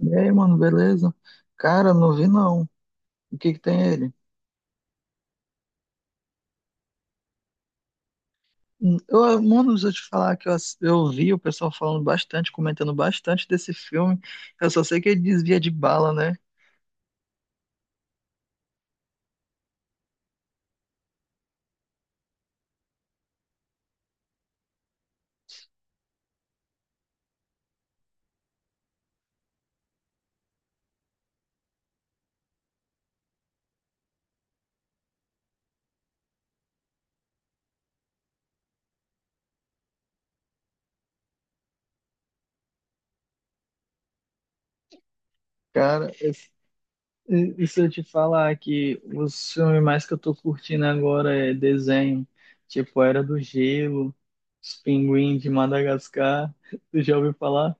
E aí, mano, beleza? Cara, não vi não. O que que tem ele? Eu, mano, deixa eu te falar que eu, eu vi o pessoal falando bastante, comentando bastante desse filme. Eu só sei que ele desvia de bala, né? Cara, e se eu te falar que os filmes mais que eu tô curtindo agora é desenho, tipo Era do Gelo, Os Pinguins de Madagascar, tu já ouviu falar?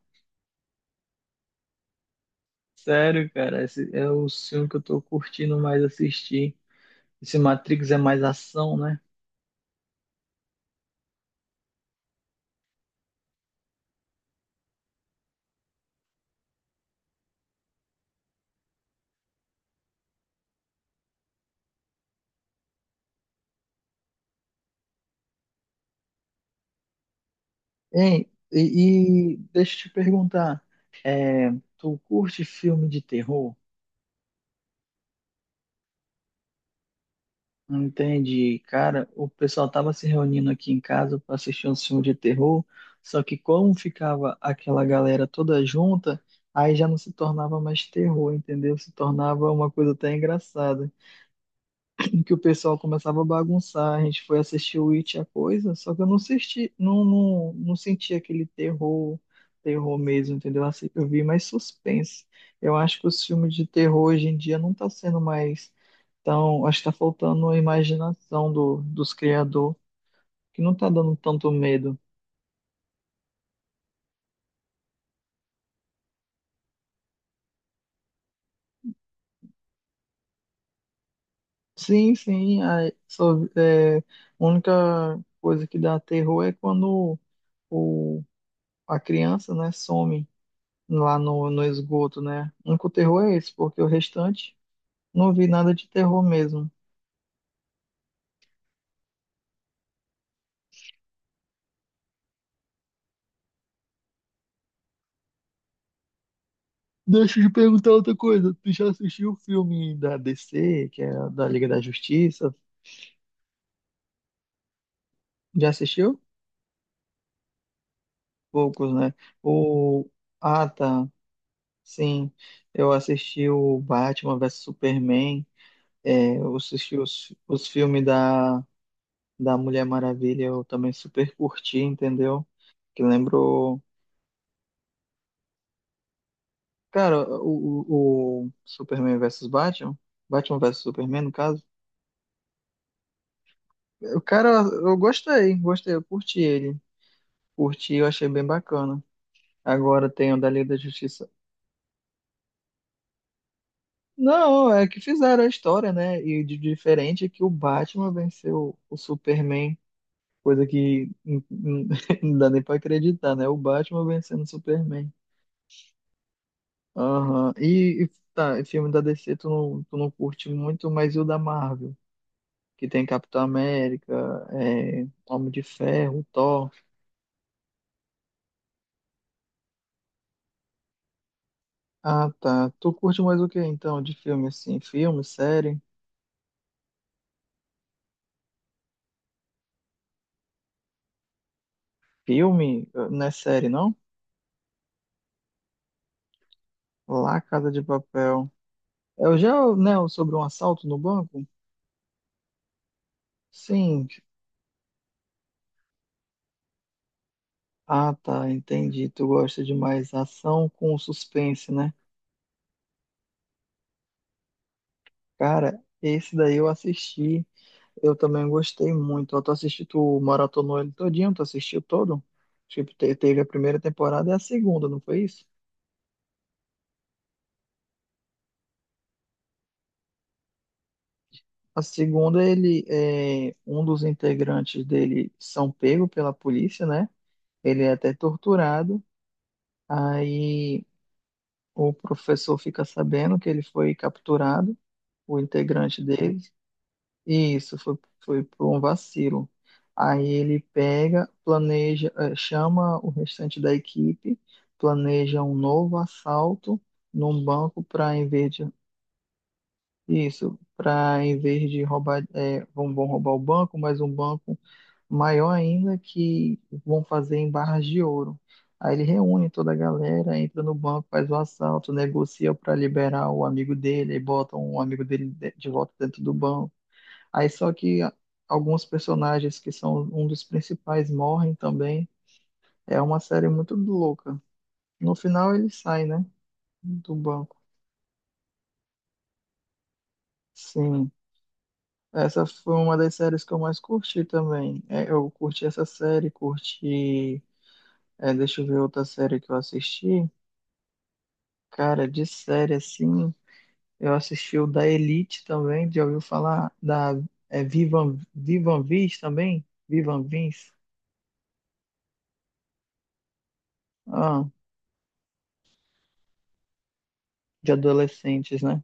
Sério, cara, esse é o filme que eu tô curtindo mais assistir. Esse Matrix é mais ação, né? Hein, e deixa eu te perguntar, é, tu curte filme de terror? Entende? Cara, o pessoal tava se reunindo aqui em casa para assistir um filme de terror, só que como ficava aquela galera toda junta, aí já não se tornava mais terror, entendeu? Se tornava uma coisa até engraçada em que o pessoal começava a bagunçar. A gente foi assistir o It a coisa, só que eu não senti, não senti aquele terror, terror mesmo, entendeu? Assim, eu vi mais suspense. Eu acho que os filmes de terror hoje em dia não tá sendo mais tão, acho que tá faltando a imaginação dos criadores, que não tá dando tanto medo. Sim, sim, a única coisa que dá terror é quando o, a criança, né, some lá no esgoto, né? O único terror é esse, porque o restante não vi nada de terror mesmo. Deixa eu te perguntar outra coisa. Tu já assistiu o filme da DC, que é da Liga da Justiça? Já assistiu? Poucos, né? O... Ah, tá. Sim. Eu assisti o Batman versus Superman. É, eu assisti os filmes da Mulher Maravilha. Eu também super curti, entendeu? Que lembrou. Cara, o Superman versus Batman, Batman versus Superman, no caso, o cara, eu gostei, gostei, eu curti ele, curti, eu achei bem bacana. Agora tem o da Liga da Justiça. Não, é que fizeram a história, né? E de diferente é que o Batman venceu o Superman, coisa que não dá nem pra acreditar, né? O Batman vencendo o Superman. Aham. E filme da DC tu não curte muito, mas e o da Marvel? Que tem Capitão América, é, Homem de Ferro, Thor. Ah, tá. Tu curte mais o que então de filme assim? Filme, série? Filme? Eh, não é série, não? Lá Casa de Papel. É o já, né, o sobre um assalto no banco? Sim. Ah, tá, entendi. Tu gosta de mais ação com suspense, né? Cara, esse daí eu assisti. Eu também gostei muito. Eu tô assistindo, tu maratonou ele todinho, tu assistiu todo? Tipo, teve a primeira temporada e a segunda, não foi isso? A segunda, ele é um dos integrantes dele são pego pela polícia, né? Ele é até torturado. Aí o professor fica sabendo que ele foi capturado, o integrante dele, e isso foi, foi por um vacilo. Aí ele pega, planeja, chama o restante da equipe, planeja um novo assalto num banco para, em vez de... Isso, para em vez de roubar, é, vão roubar o banco, mas um banco maior ainda que vão fazer em barras de ouro. Aí ele reúne toda a galera, entra no banco, faz o assalto, negocia para liberar o amigo dele, aí botam o amigo dele de volta dentro do banco. Aí só que alguns personagens que são um dos principais morrem também. É uma série muito louca. No final ele sai, né, do banco. Sim. Essa foi uma das séries que eu mais curti também. É, eu curti essa série, curti. É, deixa eu ver outra série que eu assisti. Cara, de série assim, eu assisti o da Elite também. Já ouviu falar da é, Vivan Viz também? Vivan Viz? Ah, de adolescentes, né?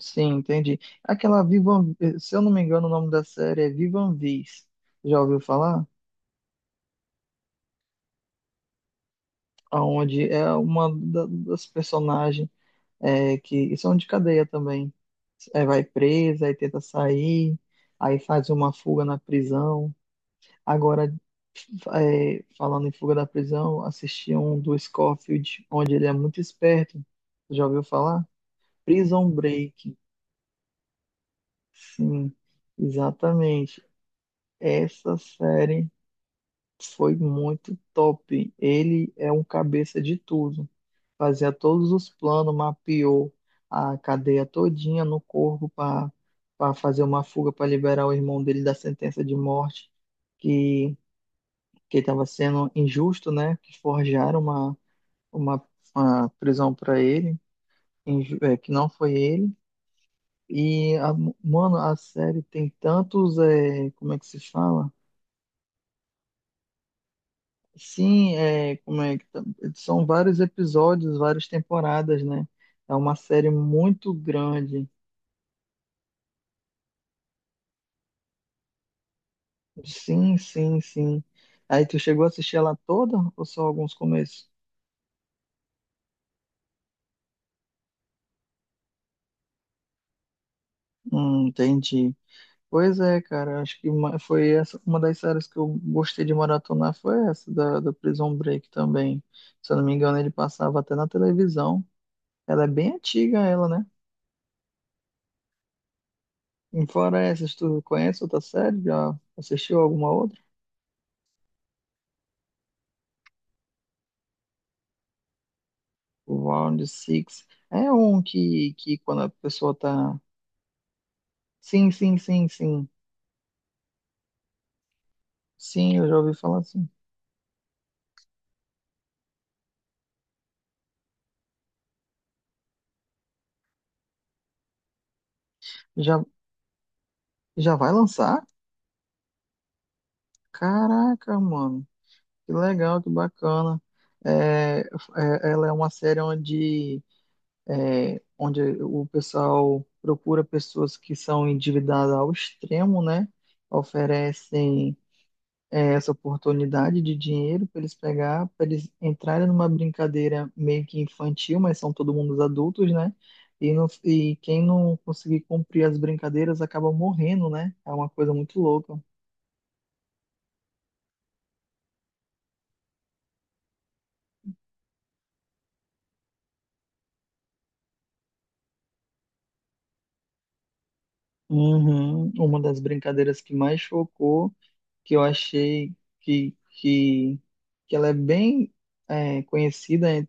Sim, entendi. Aquela Vivan, se eu não me engano, o nome da série é Vivan Viz. Já ouviu falar? Aonde é uma das personagens é, que são de cadeia também. Aí vai presa, aí tenta sair, aí faz uma fuga na prisão. Agora, é, falando em fuga da prisão, assisti um do Scofield, onde ele é muito esperto. Já ouviu falar? Prison Break. Sim, exatamente. Essa série foi muito top. Ele é um cabeça de tudo, fazia todos os planos, mapeou a cadeia todinha no corpo para fazer uma fuga para liberar o irmão dele da sentença de morte que estava sendo injusto, né? Que forjaram uma, uma prisão para ele, que não foi ele. E mano, a série tem tantos, é, como é que se fala? Sim, é, como é que tá- são vários episódios, várias temporadas, né? É uma série muito grande. Sim, sim, sim. Aí tu chegou a assistir ela toda ou só alguns começos? Entendi. Pois é, cara, acho que uma, foi essa uma das séries que eu gostei de maratonar foi essa da Prison Break também. Se eu não me engano, ele passava até na televisão. Ela é bem antiga, ela, né? E fora essas, tu conhece outra série? Já assistiu alguma outra? O Round Six. É um que quando a pessoa tá... Sim, sim, sim, sim. Sim, eu já ouvi falar assim. Já, já vai lançar? Caraca, mano, que legal, que bacana. É, ela é uma série onde, é, onde o pessoal procura pessoas que são endividadas ao extremo, né? Oferecem, é, essa oportunidade de dinheiro para eles pegar, para eles entrarem numa brincadeira meio que infantil, mas são todo mundo adultos, né? E quem não conseguir cumprir as brincadeiras acaba morrendo, né? É uma coisa muito louca. Uhum. Uma das brincadeiras que mais chocou, que eu achei que, que ela é bem é, conhecida,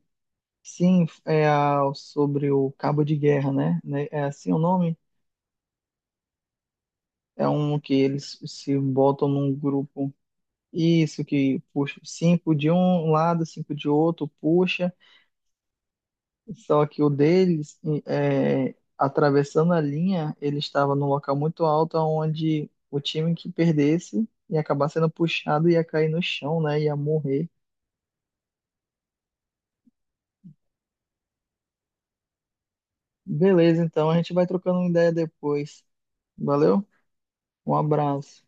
sim, é a, sobre o cabo de guerra, né? Né? É assim o nome? É um que eles se botam num grupo. Isso, que puxa cinco de um lado, cinco de outro, puxa. Só que o deles, é, atravessando a linha, ele estava num local muito alto, onde o time que perdesse ia acabar sendo puxado, ia cair no chão, né? Ia morrer. Beleza, então a gente vai trocando uma ideia depois. Valeu? Um abraço.